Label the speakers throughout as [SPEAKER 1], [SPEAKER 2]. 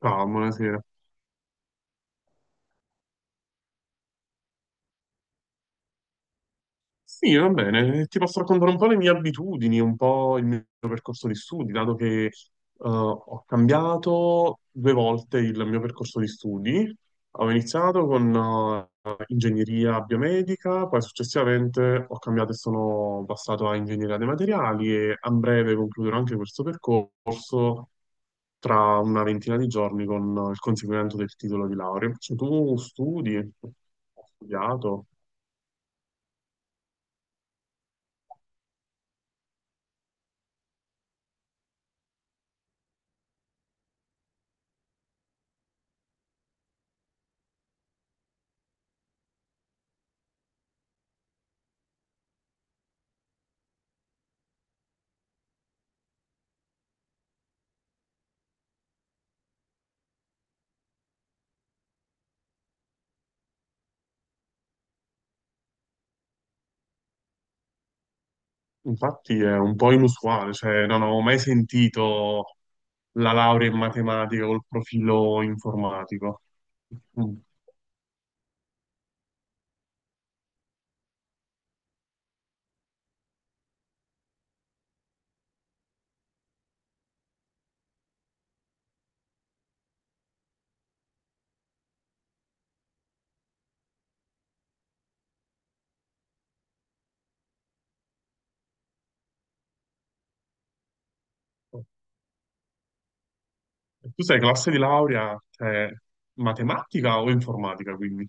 [SPEAKER 1] Ciao, buonasera. Sì, va bene, ti posso raccontare un po' le mie abitudini, un po' il mio percorso di studi, dato che ho cambiato due volte il mio percorso di studi. Ho iniziato con ingegneria biomedica, poi successivamente ho cambiato e sono passato a ingegneria dei materiali e a breve concluderò anche questo percorso tra una ventina di giorni con il conseguimento del titolo di laurea. Cioè, tu studi, hai studiato? Infatti è un po' inusuale, cioè non avevo mai sentito la laurea in matematica col profilo informatico. Mm. Tu sei classe di laurea, cioè, matematica o informatica, quindi?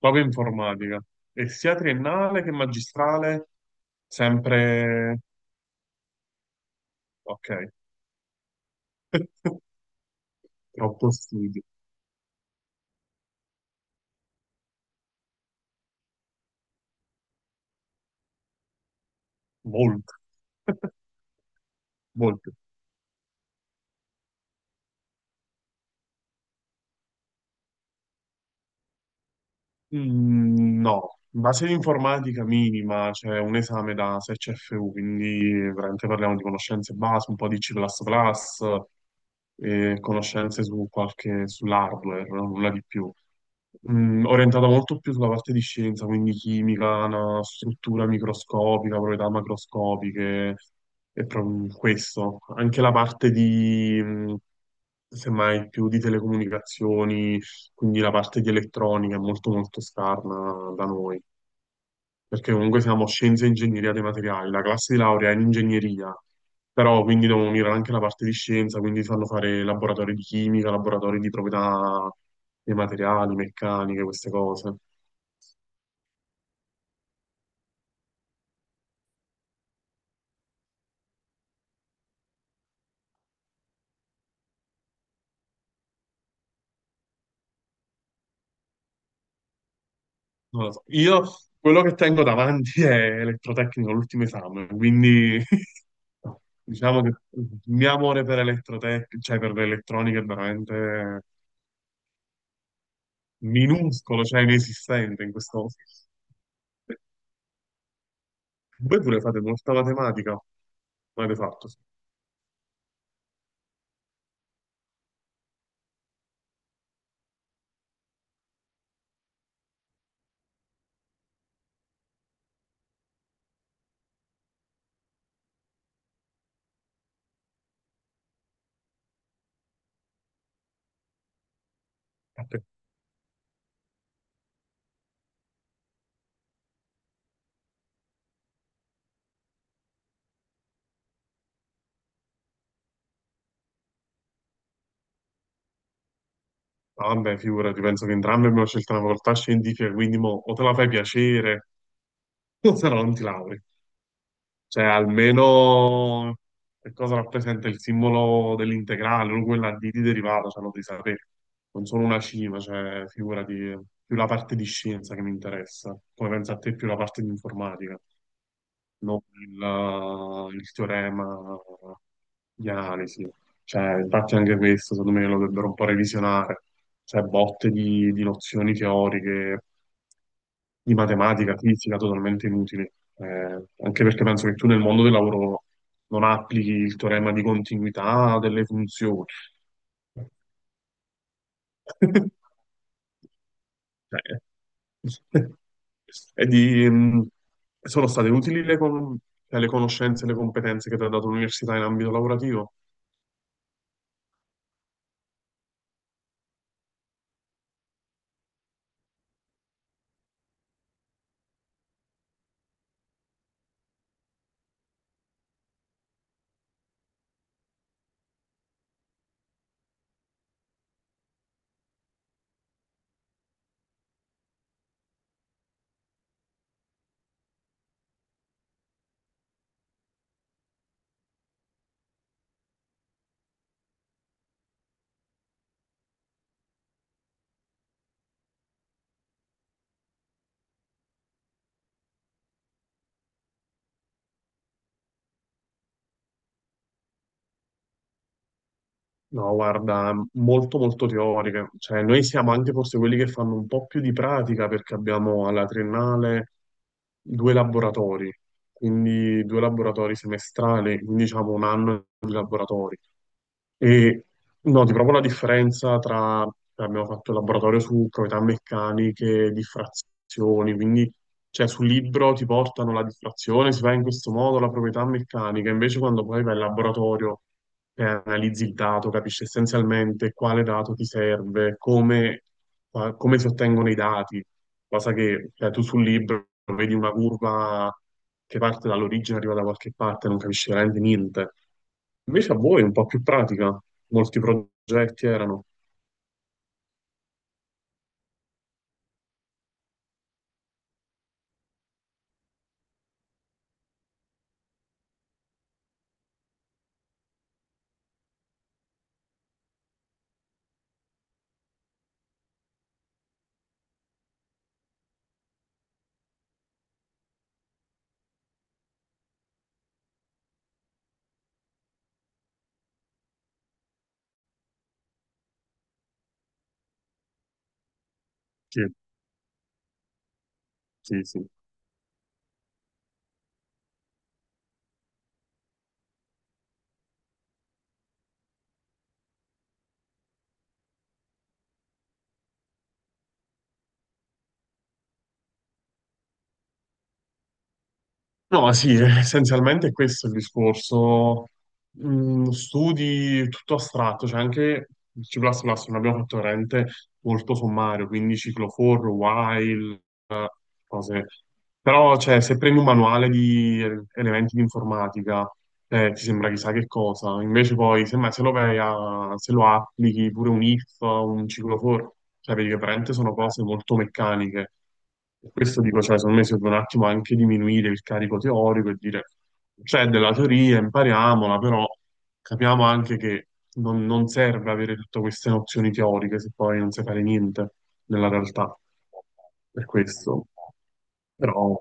[SPEAKER 1] Proprio informatica. E sia triennale che magistrale, sempre... Ok. Troppo studio. Molto. Molto. No, base di informatica minima, c'è un esame da 6 CFU, quindi veramente parliamo di conoscenze base, un po' di C++, e conoscenze su qualche, sull'hardware, no? Nulla di più. Orientata molto più sulla parte di scienza, quindi chimica, una struttura microscopica, proprietà macroscopiche, e questo. Anche la parte di, semmai, più di telecomunicazioni, quindi la parte di elettronica è molto molto scarna da noi, perché comunque siamo scienze e ingegneria dei materiali, la classe di laurea è in ingegneria, però quindi devono unire anche la parte di scienza, quindi fanno fare laboratori di chimica, laboratori di proprietà dei materiali, meccaniche, queste cose. Non lo so. Io quello che tengo davanti è elettrotecnico, l'ultimo esame, quindi diciamo che il mio amore per cioè per l'elettronica è veramente minuscolo, cioè inesistente in questo... Voi pure fate molta matematica, l'avete fatto. A te. Ah, vabbè, figurati, penso che entrambi abbiamo scelto una facoltà scientifica, quindi mo, o te la fai piacere, o se no non ti lauri. Cioè, almeno che cosa rappresenta il simbolo dell'integrale, o quella di derivata, cioè lo devi sapere. Non sono una cima, cioè, figurati, più la parte di scienza che mi interessa. Come pensa a te, più la parte di informatica. Non il, il teorema di analisi. Cioè, infatti anche questo, secondo me, lo dovrebbero un po' revisionare. Cioè, botte di nozioni teoriche, di matematica, fisica, totalmente inutili. Anche perché penso che tu nel mondo del lavoro non applichi il teorema di continuità delle funzioni. Cioè, E sono state utili cioè, le conoscenze e le competenze che ti ha dato l'università in ambito lavorativo? No, guarda, molto molto teoriche. Cioè, noi siamo anche forse quelli che fanno un po' più di pratica perché abbiamo alla triennale due laboratori, quindi due laboratori semestrali, quindi diciamo un anno di laboratori. E noti proprio la differenza tra, cioè, abbiamo fatto il laboratorio su proprietà meccaniche, diffrazioni, quindi cioè, sul libro ti portano la distrazione, si fa in questo modo la proprietà meccanica, invece quando poi vai in laboratorio e analizzi il dato, capisci essenzialmente quale dato ti serve, come, come si ottengono i dati, cosa che cioè, tu sul libro vedi una curva che parte dall'origine, arriva da qualche parte, non capisci veramente niente. Invece a voi è un po' più pratica, molti progetti erano. Sì, sì, sì. No, sì, essenzialmente questo è il discorso. Studi tutto astratto, cioè anche il C++ non abbiamo fatto veramente molto sommario, quindi ciclo for, while, eh, cose. Però, cioè, se prendi un manuale di elementi di informatica, ti sembra chissà che cosa, invece poi semmai se lo, se lo applichi pure un if, un ciclofor, cioè vedi che veramente sono cose molto meccaniche. Per questo dico, cioè, secondo me si deve un attimo anche diminuire il carico teorico e dire c'è della teoria, impariamola, però capiamo anche che non serve avere tutte queste nozioni teoriche se poi non sai fare niente nella realtà. Per questo, però.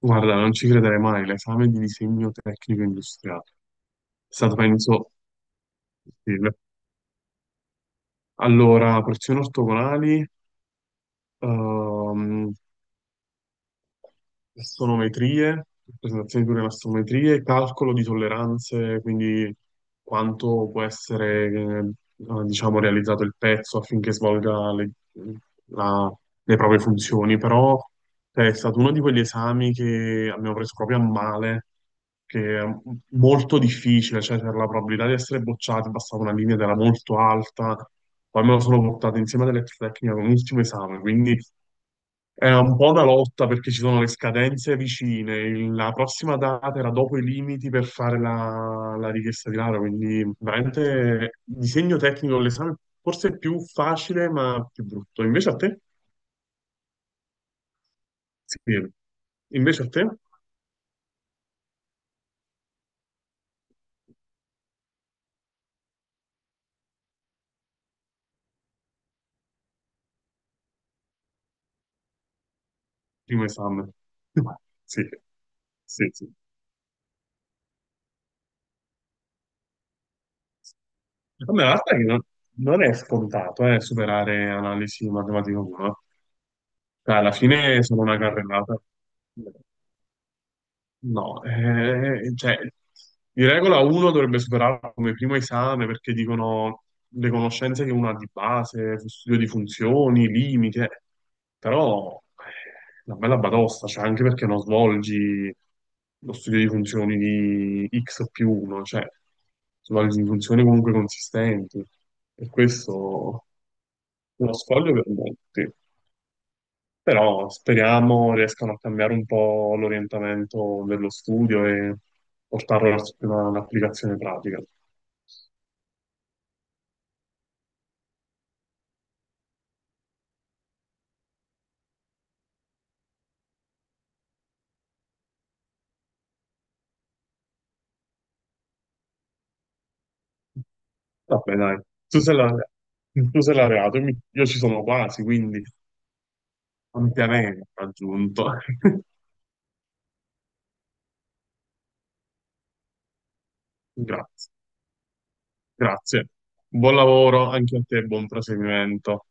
[SPEAKER 1] Guarda, non ci crederei mai, l'esame di disegno tecnico industriale. È stato, penso, difficile. Allora, porzioni ortogonali, ehm, astrometrie, rappresentazioni di astrometrie, calcolo di tolleranze, quindi quanto può essere, diciamo, realizzato il pezzo affinché svolga le, la- le proprie funzioni, però cioè, è stato uno di quegli esami che abbiamo preso proprio a male, che è molto difficile, cioè c'era la probabilità di essere bocciati, bastava una linea ed era molto alta. Poi me lo sono portato insieme ad elettrotecnica con l'ultimo esame, quindi è un po' una lotta perché ci sono le scadenze vicine. La prossima data era dopo i limiti per fare la richiesta di laurea, quindi veramente disegno tecnico l'esame forse è più facile ma più brutto. Invece a te? Sì. Invece a te? Primo esame. Sì, sì, sì. Vabbè, la realtà è che non è scontato, superare analisi matematica 1. Cioè, alla fine sono una carrellata. No, cioè, di regola uno dovrebbe superarlo come primo esame perché dicono le conoscenze che uno ha di base, studio di funzioni, limite, però una bella batosta, cioè anche perché non svolgi lo studio di funzioni di x più 1, cioè svolgi funzioni comunque consistenti e questo è uno scoglio per molti. Però speriamo riescano a cambiare un po' l'orientamento dello studio e portarlo verso un'applicazione pratica. Vabbè, dai, tu sei laureato, tu sei laureato, io io ci sono quasi, quindi ampiamente raggiunto. Grazie, grazie. Buon lavoro anche a te, buon proseguimento.